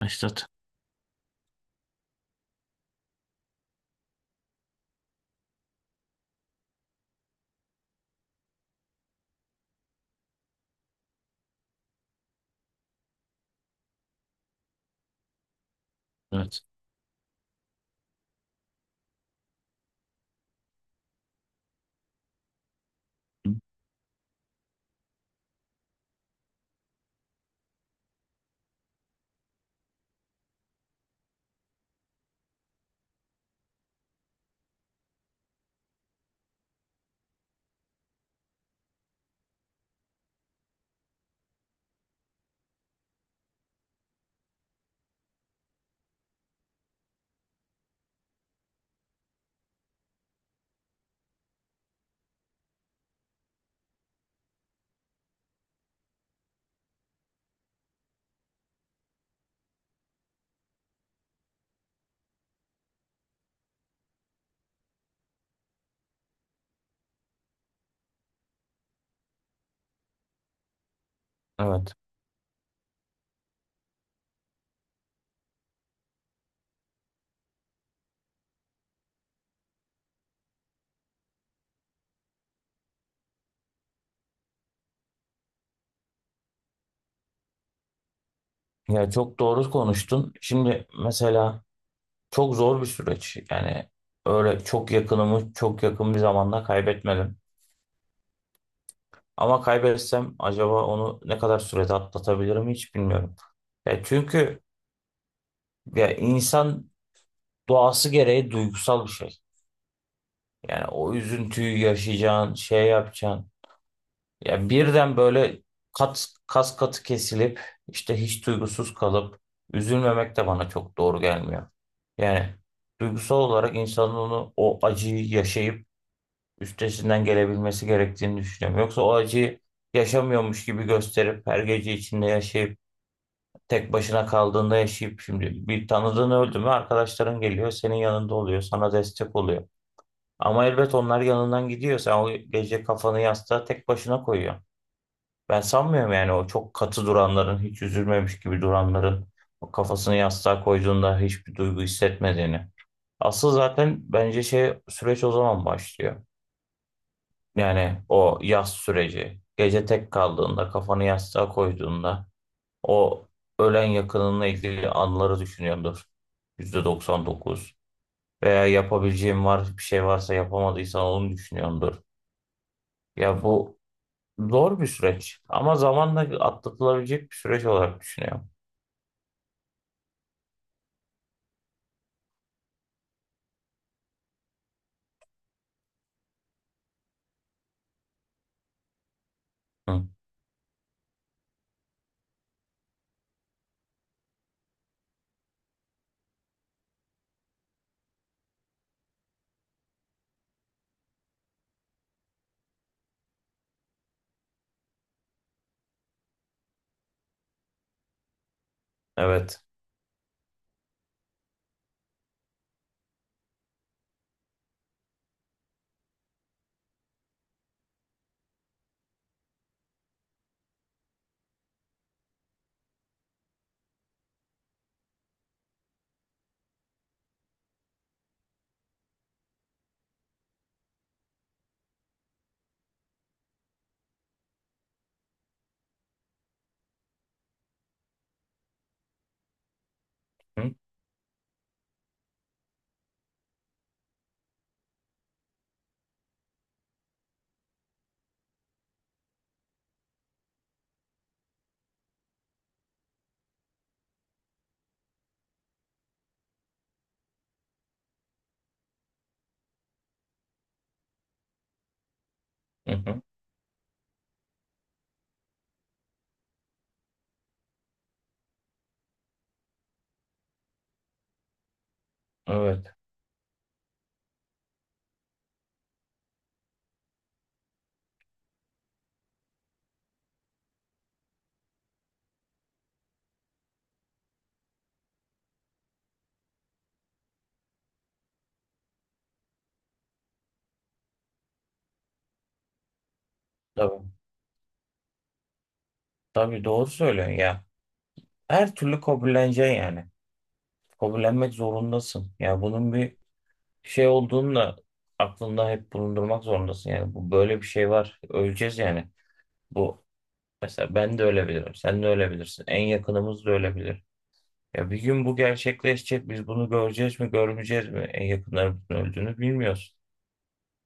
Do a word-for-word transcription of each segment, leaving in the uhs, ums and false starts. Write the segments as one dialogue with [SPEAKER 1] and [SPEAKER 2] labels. [SPEAKER 1] Başlat. Evet. Hı. Evet. Ya çok doğru konuştun. Şimdi mesela çok zor bir süreç. Yani öyle çok yakınımı çok yakın bir zamanda kaybetmedim. Ama kaybetsem acaba onu ne kadar sürede atlatabilirim hiç bilmiyorum. Ya çünkü ya insan doğası gereği duygusal bir şey. Yani o üzüntüyü yaşayacağın, şey yapacağın. Ya birden böyle kat, kas katı kesilip işte hiç duygusuz kalıp üzülmemek de bana çok doğru gelmiyor. Yani duygusal olarak insanın onu o acıyı yaşayıp üstesinden gelebilmesi gerektiğini düşünüyorum. Yoksa o acıyı yaşamıyormuş gibi gösterip her gece içinde yaşayıp tek başına kaldığında yaşayıp şimdi bir tanıdığın öldü mü arkadaşların geliyor senin yanında oluyor sana destek oluyor. Ama elbet onlar yanından gidiyor sen o gece kafanı yastığa tek başına koyuyorsun. Ben sanmıyorum yani o çok katı duranların, hiç üzülmemiş gibi duranların o kafasını yastığa koyduğunda hiçbir duygu hissetmediğini. Asıl zaten bence şey süreç o zaman başlıyor. Yani o yas süreci. Gece tek kaldığında, kafanı yastığa koyduğunda o ölen yakınınla ilgili anıları düşünüyordur. yüzde doksan dokuz. Veya yapabileceğim var, bir şey varsa yapamadıysan onu düşünüyordur. Ya bu zor bir süreç ama zamanla atlatılabilecek bir süreç olarak düşünüyorum. Hı. Evet. Hı, hı, hı. Evet. Tabii. Tabii doğru söylüyorsun ya. Her türlü kabulleneceksin yani. Kabullenmek zorundasın. Ya bunun bir şey olduğunu da aklında hep bulundurmak zorundasın. Yani bu böyle bir şey var. Öleceğiz yani. Bu mesela ben de ölebilirim. Sen de ölebilirsin. En yakınımız da ölebilir. Ya bir gün bu gerçekleşecek. Biz bunu göreceğiz mi, görmeyeceğiz mi? En yakınlarımızın öldüğünü bilmiyoruz.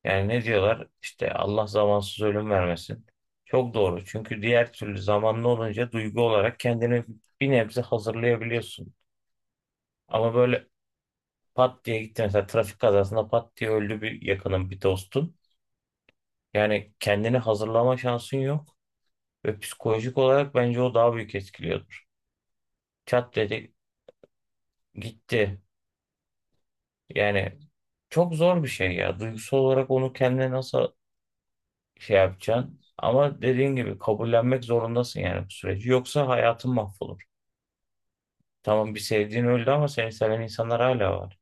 [SPEAKER 1] Yani ne diyorlar? İşte Allah zamansız ölüm vermesin. Çok doğru. Çünkü diğer türlü zamanlı olunca duygu olarak kendini bir nebze hazırlayabiliyorsun. Ama böyle pat diye gitti mesela trafik kazasında pat diye öldü bir yakının bir dostun. Yani kendini hazırlama şansın yok ve psikolojik olarak bence o daha büyük etkiliyordur. Çat dedi gitti. Yani çok zor bir şey ya. Duygusal olarak onu kendine nasıl şey yapacaksın. Ama dediğin gibi kabullenmek zorundasın yani bu süreci. Yoksa hayatın mahvolur. Tamam bir sevdiğin öldü ama seni seven insanlar hala var.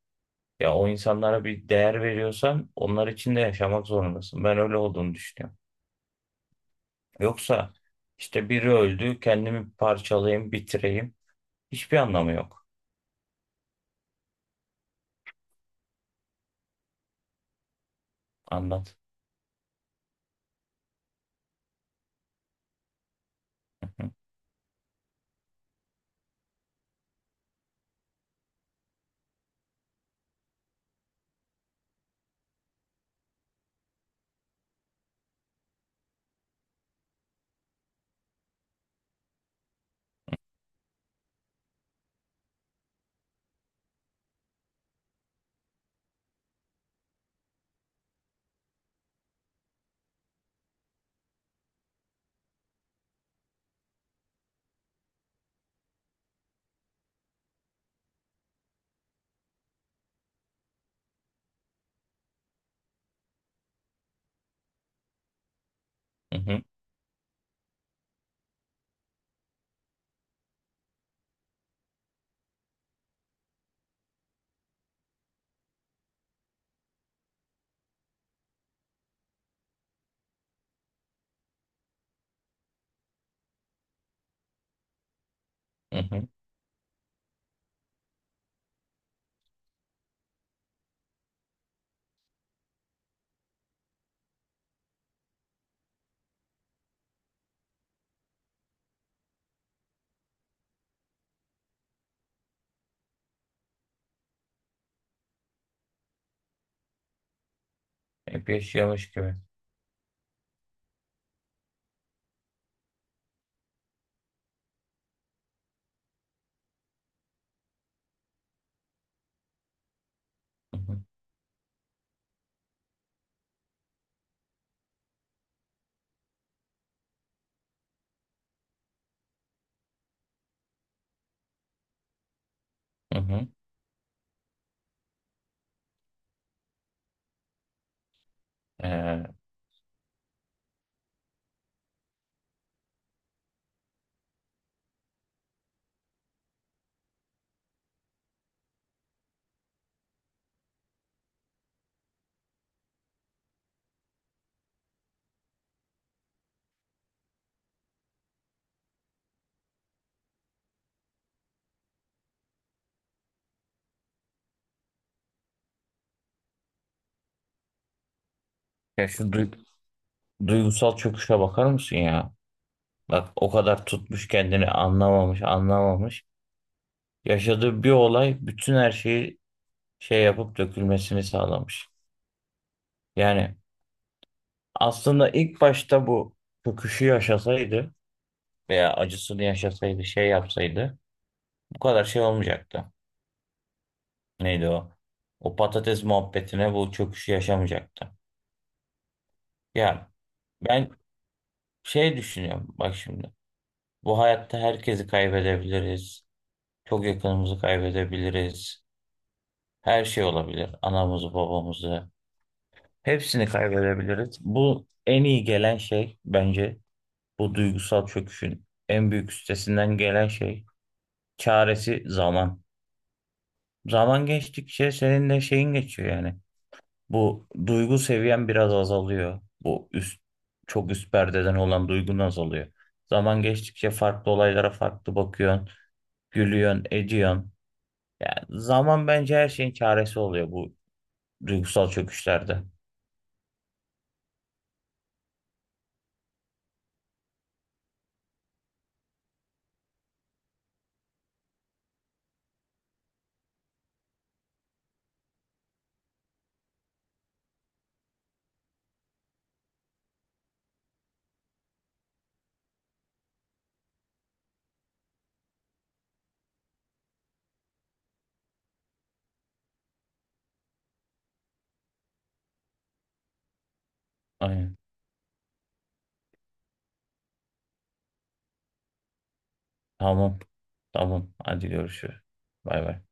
[SPEAKER 1] Ya o insanlara bir değer veriyorsan onlar için de yaşamak zorundasın. Ben öyle olduğunu düşünüyorum. Yoksa işte biri öldü, kendimi parçalayayım, bitireyim. Hiçbir anlamı yok. Anlat. Hı hı hı hı. Hep yaşıyormuş gibi. Hı hı hı. Hı. Ee, ya şu duy- duygusal çöküşe bakar mısın ya? Bak o kadar tutmuş kendini anlamamış, anlamamış. Yaşadığı bir olay bütün her şeyi şey yapıp dökülmesini sağlamış. Yani aslında ilk başta bu çöküşü yaşasaydı veya acısını yaşasaydı, şey yapsaydı bu kadar şey olmayacaktı. Neydi o? O patates muhabbetine bu çöküşü yaşamayacaktı. Yani ben şey düşünüyorum bak şimdi. Bu hayatta herkesi kaybedebiliriz. Çok yakınımızı kaybedebiliriz. Her şey olabilir. Anamızı, babamızı. Hepsini kaybedebiliriz. Bu en iyi gelen şey bence bu duygusal çöküşün en büyük üstesinden gelen şey çaresi zaman. Zaman geçtikçe senin de şeyin geçiyor yani. Bu duygu seviyen biraz azalıyor. Bu üst çok üst perdeden olan duygun azalıyor. Zaman geçtikçe farklı olaylara farklı bakıyorsun, gülüyorsun, ediyorsun. Yani zaman bence her şeyin çaresi oluyor bu duygusal çöküşlerde. Aynen. Tamam. Tamam. Hadi görüşürüz. Bay bay.